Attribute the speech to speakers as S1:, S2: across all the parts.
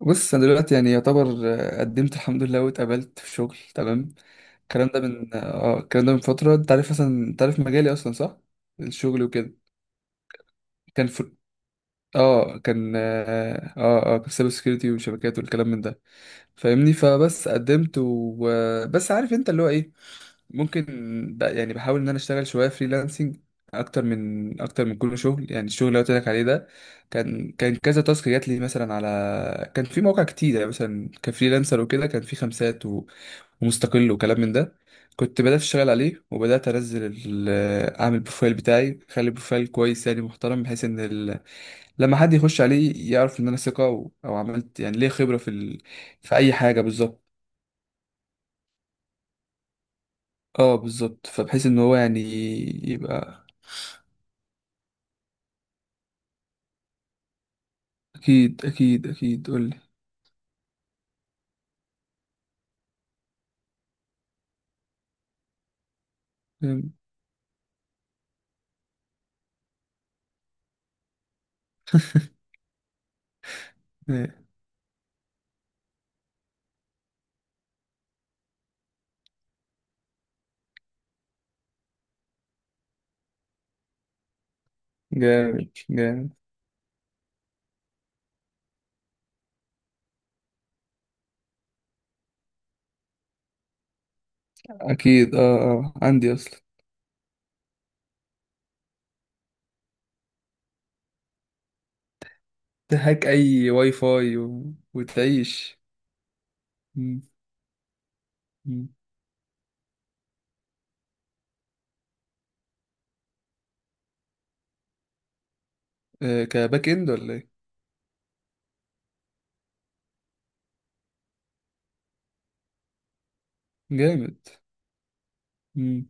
S1: بص، انا دلوقتي يعني يعتبر قدمت الحمد لله واتقبلت في شغل، تمام. الكلام ده من فتره. انت عارف مجالي اصلا، صح؟ الشغل وكده، كان في اه كان اه اه آه، كان سايبر سكيورتي وشبكات والكلام من ده. فاهمني؟ فبس قدمت، وبس عارف انت اللي هو ايه، ممكن يعني بحاول ان انا اشتغل شويه فريلانسنج اكتر من كل شغل. يعني الشغل اللي قلت لك عليه ده، كان كذا تاسك جات لي، مثلا كان في مواقع كتير يعني، مثلا كفريلانسر وكده، كان في خمسات و... ومستقل، وكلام من ده. كنت بدات اشتغل عليه، وبدات انزل اعمل بروفايل بتاعي، اخلي بروفايل كويس يعني محترم، بحيث ان لما حد يخش عليه يعرف ان انا ثقه، او عملت يعني ليه خبره في في اي حاجه بالظبط. اه بالظبط، فبحيث ان هو يعني يبقى. أكيد أكيد أكيد، قولي. جامد جامد جامد. أكيد، أه. أه، عندي أصلا. تهاك أي واي فاي و... وتعيش. مم. مم. آه، كباك إند ولا إيه؟ جامد. مم.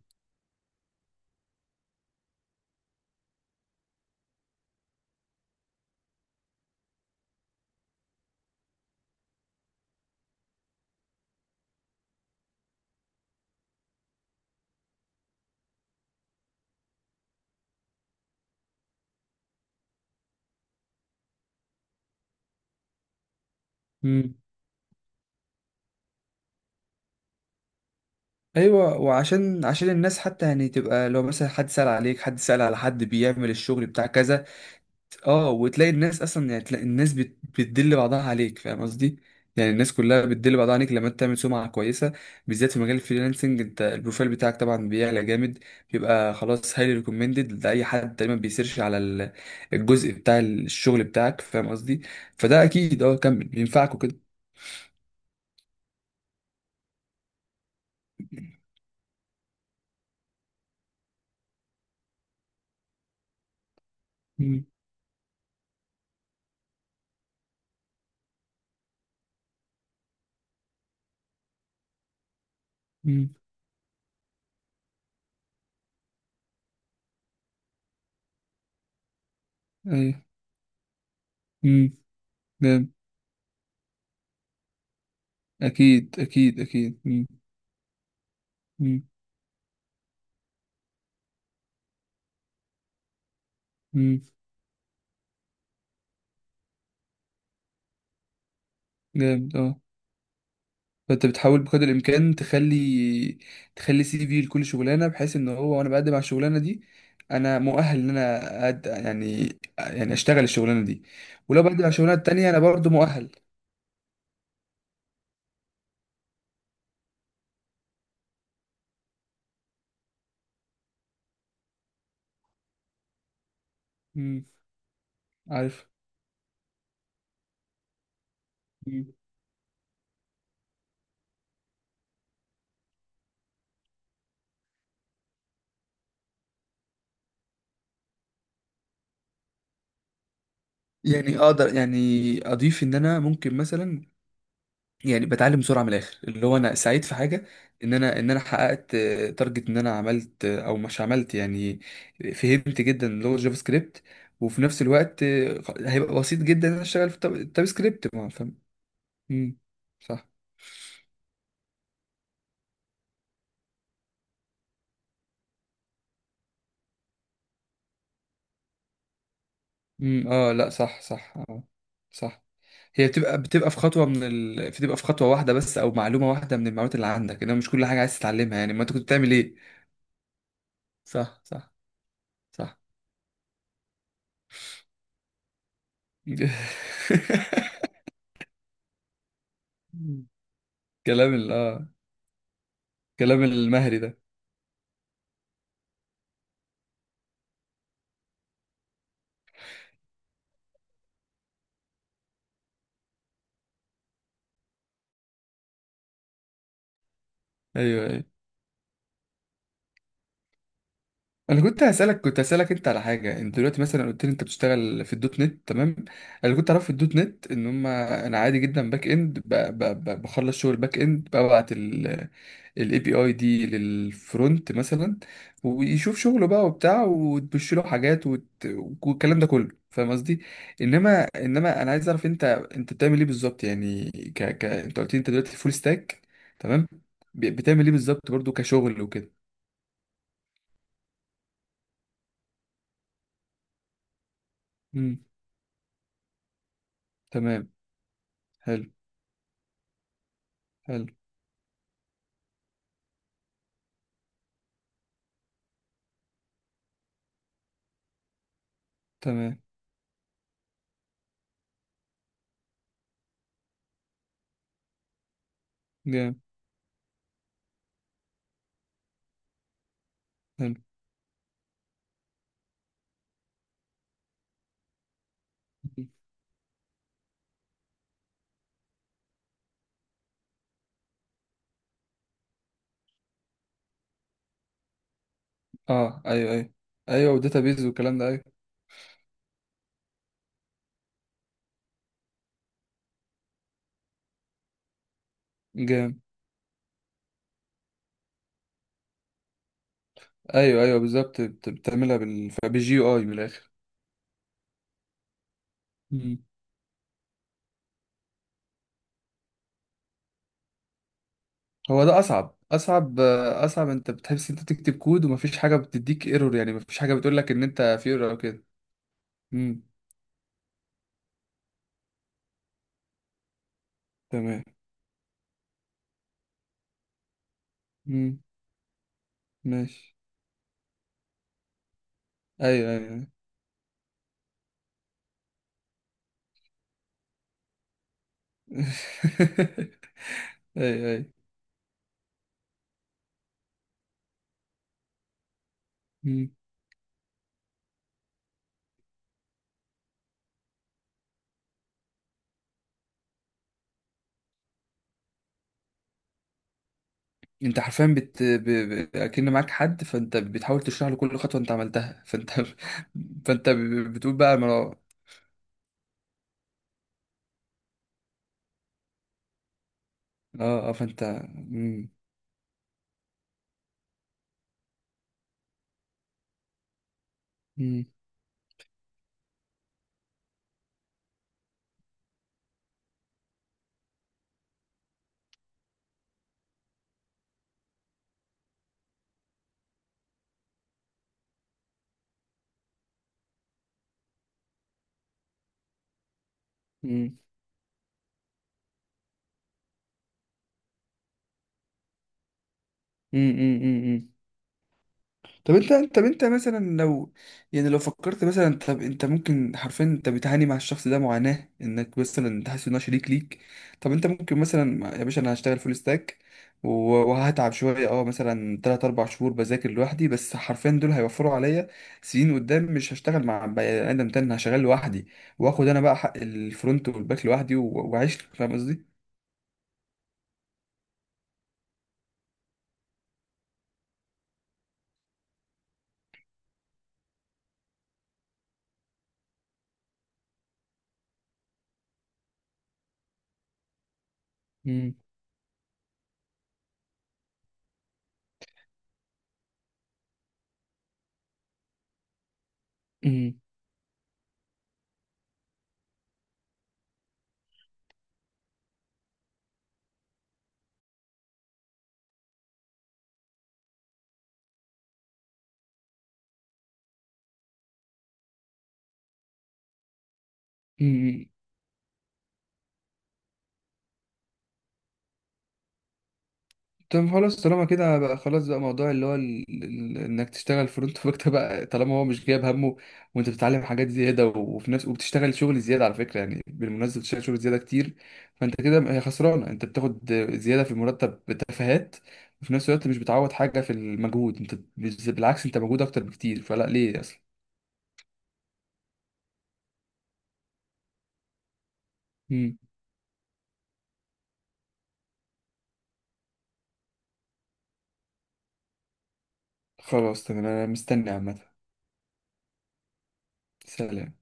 S1: مم. ايوه، وعشان الناس حتى يعني تبقى، لو مثلا حد سأل عليك، حد سأل على حد بيعمل الشغل بتاع كذا، اه، وتلاقي الناس اصلا، يعني تلاقي الناس بتدل بعضها عليك، فاهم قصدي؟ يعني الناس كلها بتدل بعضها عليك لما انت تعمل سمعه كويسه. بالذات في مجال الفريلانسنج، انت البروفايل بتاعك طبعا بيعلى جامد، بيبقى خلاص هايلي ريكومندد لاي حد تقريبا بيسيرش على الجزء بتاع الشغل بتاعك، فاهم قصدي؟ فده اكيد، كمل بينفعك وكده. مم. مم. ايوه. مم. جامد. اكيد اكيد اكيد. مم. مم. مم. جامد. اه. فانت بتحاول بقدر الامكان تخلي سي في لكل شغلانه، بحيث ان هو، وانا بقدم على الشغلانه دي، انا مؤهل ان انا يعني اشتغل الشغلانه دي، ولو بقدم على الشغلانه التانيه انا برضو مؤهل. امم عارف. مم. يعني اقدر يعني اضيف ان انا ممكن مثلا يعني بتعلم بسرعه، من الاخر اللي هو انا سعيد في حاجه، ان انا حققت تارجت، ان انا عملت او مش عملت يعني. فهمت جدا لغه جافا سكريبت، وفي نفس الوقت هيبقى بسيط جدا ان انا اشتغل في تاب سكريبت، ما فاهم؟ مم، صح. اه، لا، صح صح، اه صح. هي بتبقى في خطوه من بتبقى في خطوه واحده بس، او معلومه واحده من المعلومات اللي عندك، انما مش كل حاجه عايز تتعلمها يعني، ما انت كنت بتعمل ايه؟ صح صح صح. كلام ال- اه كلام المهري ده. ايوه ايوه، انا كنت هسالك انت على حاجه. انت دلوقتي مثلا قلت لي انت بتشتغل في الدوت نت، تمام. انا كنت اعرف في الدوت نت ان هم انا عادي جدا باك اند، بخلص شغل باك اند، ببعت الاي بي اي دي للفرونت مثلا، ويشوف شغله بقى وبتاع، وتبش له حاجات والكلام ده كله، فاهم قصدي؟ انما انا عايز اعرف انت، انت بتعمل ايه بالظبط يعني، انت قلت لي انت دلوقتي فول ستاك، تمام. بتعمل ايه بالظبط برضو كشغل وكده؟ مم. تمام. حلو. حلو. تمام. جامد. حلو. اه. ايوه ايوه. ايوه وداتابيز والكلام ده، ايوه. جامد. ايوه ايوه بالظبط، بتعملها بالجي يو اي من الاخر. مم. هو ده اصعب، انت بتحس انت بتكتب كود ومفيش حاجه بتديك ايرور، يعني مفيش حاجه بتقول لك ان انت في ايرور او كده. مم. تمام. مم. ماشي. ايوه ايوه. ايوه ايوه. أيوة. انت حرفيا اكن معاك حد، فانت بتحاول تشرح له كل خطوه انت عملتها، فانت فانت بتقول بقى، ما اه فانت. مم. مم. مم. مم. مم. مم. طب انت مثلا لو، يعني لو فكرت مثلا، طب انت ممكن حرفيا، انت بتعاني مع الشخص ده معاناة، انك مثلا انت حاسس ان هو شريك ليك. طب انت ممكن مثلا، يا باشا انا هشتغل فول ستاك و- وهتعب شوية، مثلا 3 4 شهور بذاكر لوحدي، بس حرفيا دول هيوفروا عليا سنين قدام، مش هشتغل مع بني آدم تاني، أنا هشتغل لوحدي، واخد انا بقى حق الفرونت والباك لوحدي و- واعيش، فاهم قصدي؟ مم. مم. مم. طب خلاص طالما كده بقى، خلاص بقى موضوع اللي هو انك تشتغل فرونت باك ده بقى، طالما هو مش جايب همه، وانت بتتعلم حاجات زياده، وفي نفس وبتشتغل شغل زياده، على فكره يعني بالمناسبه بتشتغل شغل زياده كتير. فانت كده هي خسرانه، انت بتاخد زياده في المرتب بتفاهات، وفي نفس الوقت مش بتعوض حاجه في المجهود، انت بالعكس انت مجهود اكتر بكتير، فلا ليه اصلا؟ مم. خلاص تمام، انا مستني عامه. سلام.